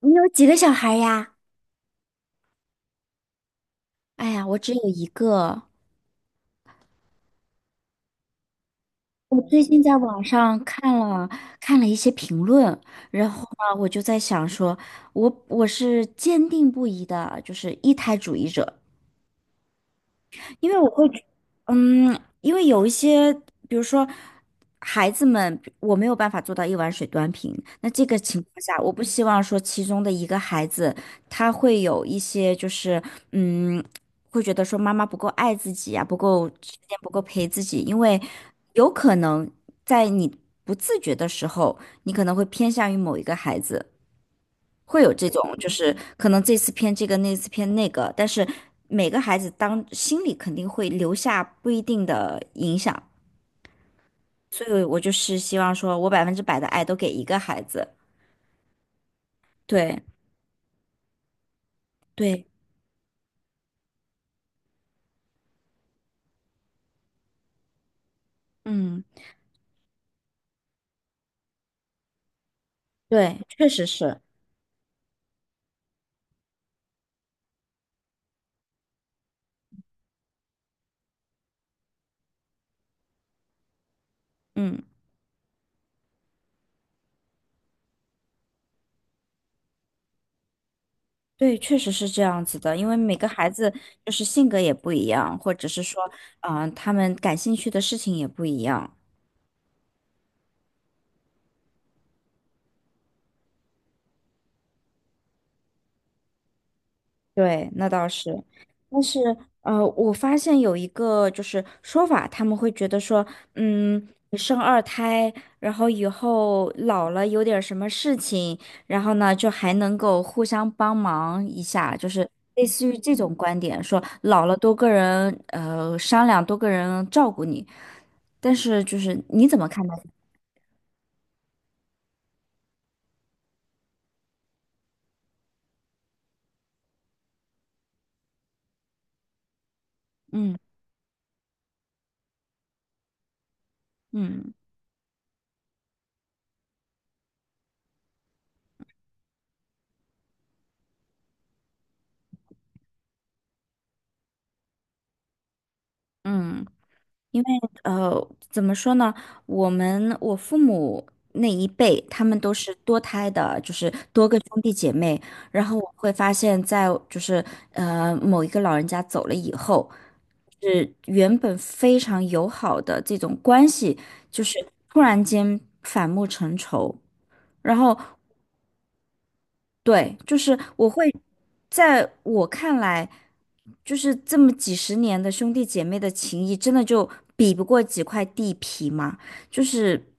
你有几个小孩呀？哎呀，我只有一个。我最近在网上看了一些评论，然后呢，我就在想说，我是坚定不移的，就是一胎主义者。因为我会觉，因为有一些，比如说孩子们，我没有办法做到一碗水端平。那这个情况下，我不希望说其中的一个孩子他会有一些就是，嗯，会觉得说妈妈不够爱自己啊，不够时间不够陪自己，因为有可能在你不自觉的时候，你可能会偏向于某一个孩子。会有这种，就是可能这次偏这个，那次偏那个，但是每个孩子当心里肯定会留下不一定的影响，所以我就是希望说我百分之百的爱都给一个孩子。对对，嗯，对，确实是，嗯，对，确实是这样子的，因为每个孩子就是性格也不一样，或者是说，他们感兴趣的事情也不一样。对，那倒是，但是我发现有一个就是说法，他们会觉得说，你生二胎，然后以后老了有点什么事情，然后呢就还能够互相帮忙一下，就是类似于这种观点，说老了多个人商量，多个人照顾你。但是就是你怎么看待？嗯嗯嗯。因为怎么说呢？我父母那一辈，他们都是多胎的，就是多个兄弟姐妹。然后我会发现在，就是某一个老人家走了以后，是原本非常友好的这种关系，就是突然间反目成仇。然后对，就是我会，在我看来，就是这么几十年的兄弟姐妹的情谊，真的就比不过几块地皮嘛？就是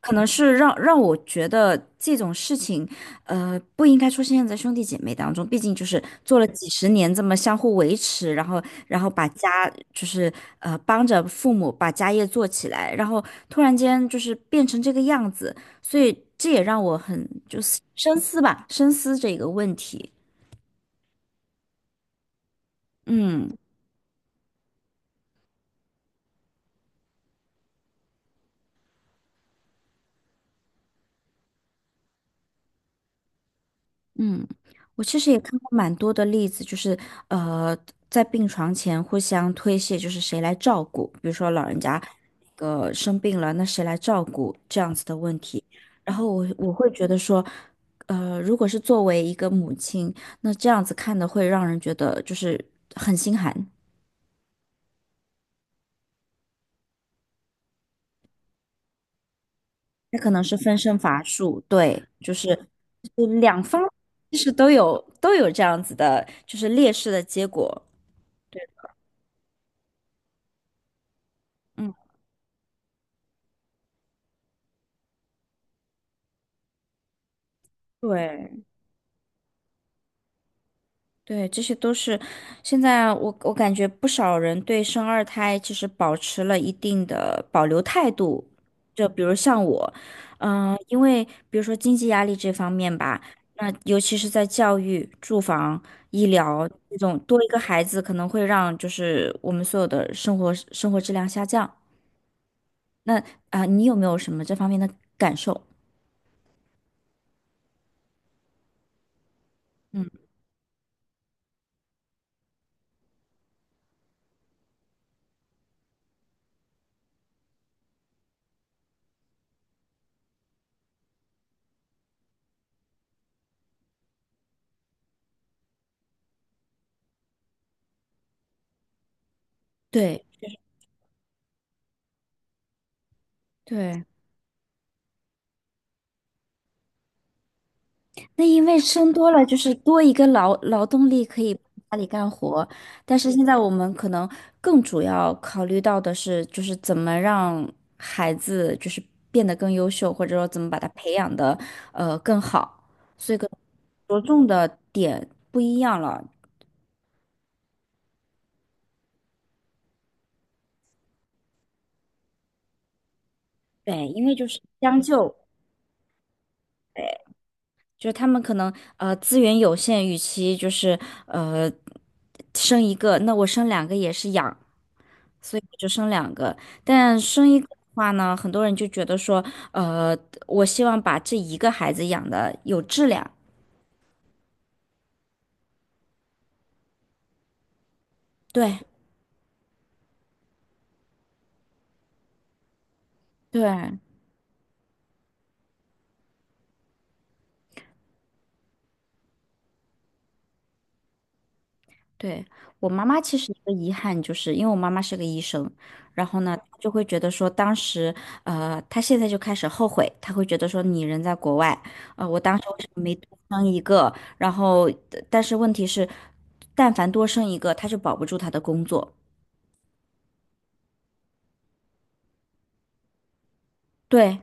可能是让我觉得这种事情，不应该出现在兄弟姐妹当中。毕竟就是做了几十年这么相互维持，然后把家就是帮着父母把家业做起来，然后突然间就是变成这个样子，所以这也让我很就是。深思吧，深思这个问题。嗯嗯，我其实也看过蛮多的例子，就是呃，在病床前互相推卸，就是谁来照顾，比如说老人家那个生病了，那谁来照顾这样子的问题。然后我会觉得说，如果是作为一个母亲，那这样子看的会让人觉得就是很心寒。那可能是分身乏术，对，就是两方其实都有这样子的，就是劣势的结果。嗯，对对，这些都是现在我感觉不少人对生二胎其实保持了一定的保留态度，就比如像我，因为比如说经济压力这方面吧，那尤其是在教育、住房、医疗这种多一个孩子可能会让就是我们所有的生活质量下降。那啊，你有没有什么这方面的感受？对对，那因为生多了就是多一个劳动力可以家里干活，但是现在我们可能更主要考虑到的是，就是怎么让孩子就是变得更优秀，或者说怎么把他培养的更好，所以可能着重的点不一样了。对，因为就是将就。就是他们可能资源有限，与其就是呃生一个，那我生两个也是养，所以我就生两个。但生一个的话呢，很多人就觉得说，呃，我希望把这一个孩子养的有质量。对对，对，我妈妈其实一个遗憾，就是因为我妈妈是个医生，然后呢，她就会觉得说，当时，她现在就开始后悔，她会觉得说，你人在国外，我当时为什么没多生一个？然后，但是问题是，但凡多生一个，她就保不住她的工作。对，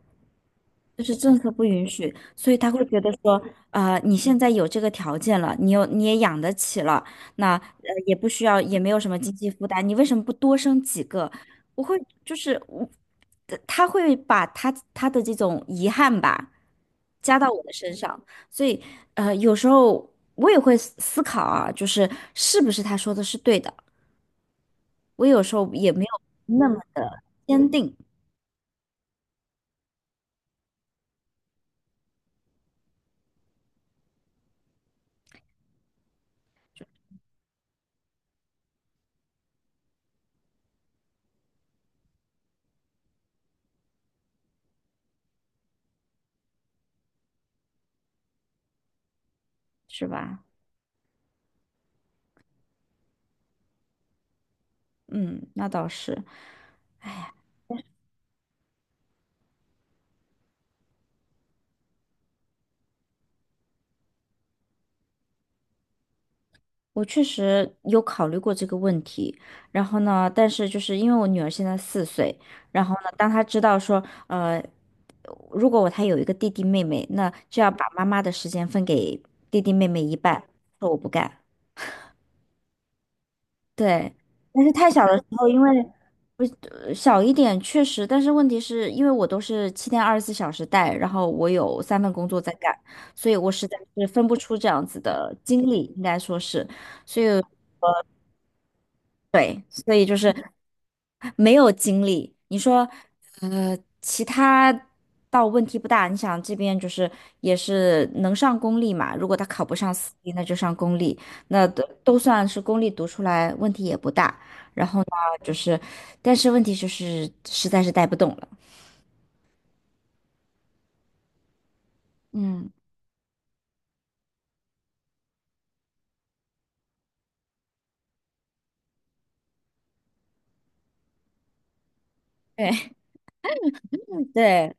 就是政策不允许，所以他会觉得说，你现在有这个条件了，你也养得起了，那也不需要，也没有什么经济负担，你为什么不多生几个？我会就是我，他会把他的这种遗憾吧，加到我的身上，所以有时候我也会思考啊，就是是不是他说的是对的，我有时候也没有那么的坚定，是吧？嗯，那倒是。我确实有考虑过这个问题，然后呢，但是就是因为我女儿现在四岁，然后呢，当她知道说，如果她有一个弟弟妹妹，那就要把妈妈的时间分给弟弟妹妹一半，说我不干。对，但是太小的时候，因为小一点确实，但是问题是因为我都是七天二十四小时带，然后我有三份工作在干，所以我实在是分不出这样子的精力，应该说是。对，所以就是没有精力。你说，其他倒问题不大。你想这边就是也是能上公立嘛，如果他考不上私立，那就上公立，那都算是公立读出来，问题也不大。然后呢，就是，但是问题就是实在是带不动了。嗯，对 对。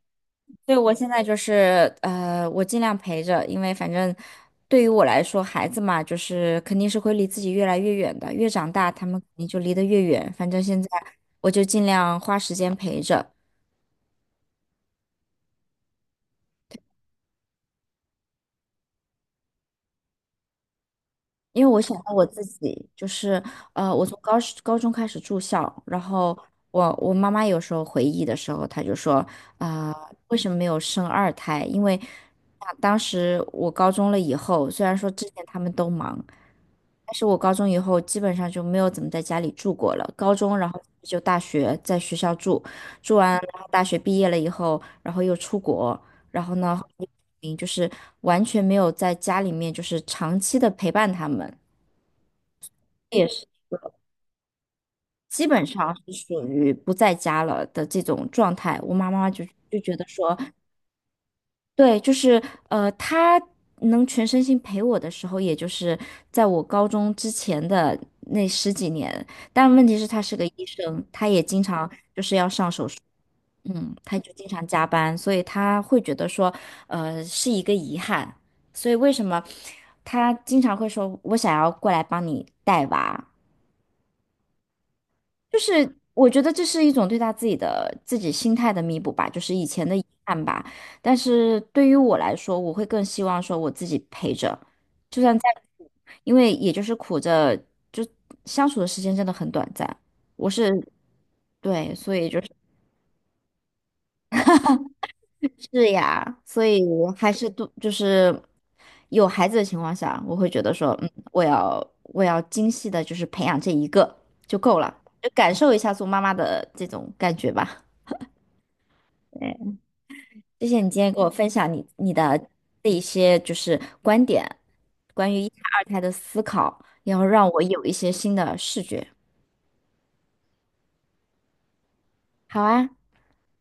对，我现在就是我尽量陪着，因为反正对于我来说，孩子嘛，就是肯定是会离自己越来越远的，越长大，他们肯定就离得越远。反正现在我就尽量花时间陪着，因为我想到我自己，就是我从高中开始住校，然后我妈妈有时候回忆的时候，她就说啊、为什么没有生二胎？因为啊当时我高中了以后，虽然说之前他们都忙，但是我高中以后基本上就没有怎么在家里住过了。高中，然后就大学在学校住，住完然后大学毕业了以后，然后又出国。然后呢，就是完全没有在家里面就是长期的陪伴他们，也是基本上是属于不在家了的这种状态。我妈妈就觉得说，对，就是她能全身心陪我的时候，也就是在我高中之前的那十几年。但问题是，她是个医生，她也经常嗯，他就经常加班，所以他会觉得说，是一个遗憾。所以为什么他经常会说，我想要过来帮你带娃，就是我觉得这是一种对他自己的心态的弥补吧，就是以前的遗憾吧。但是对于我来说，我会更希望说我自己陪着，就算再苦，因为也就是苦着，就相处的时间真的很短暂。我是，对，所以就是。是呀，所以还是都就是有孩子的情况下，我会觉得说，我要精细的，就是培养这一个就够了，就感受一下做妈妈的这种感觉吧。对，谢谢你今天给我分享你的这一些就是观点，关于一胎二胎的思考，然后让我有一些新的视觉。好啊，好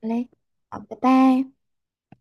嘞，好，拜拜。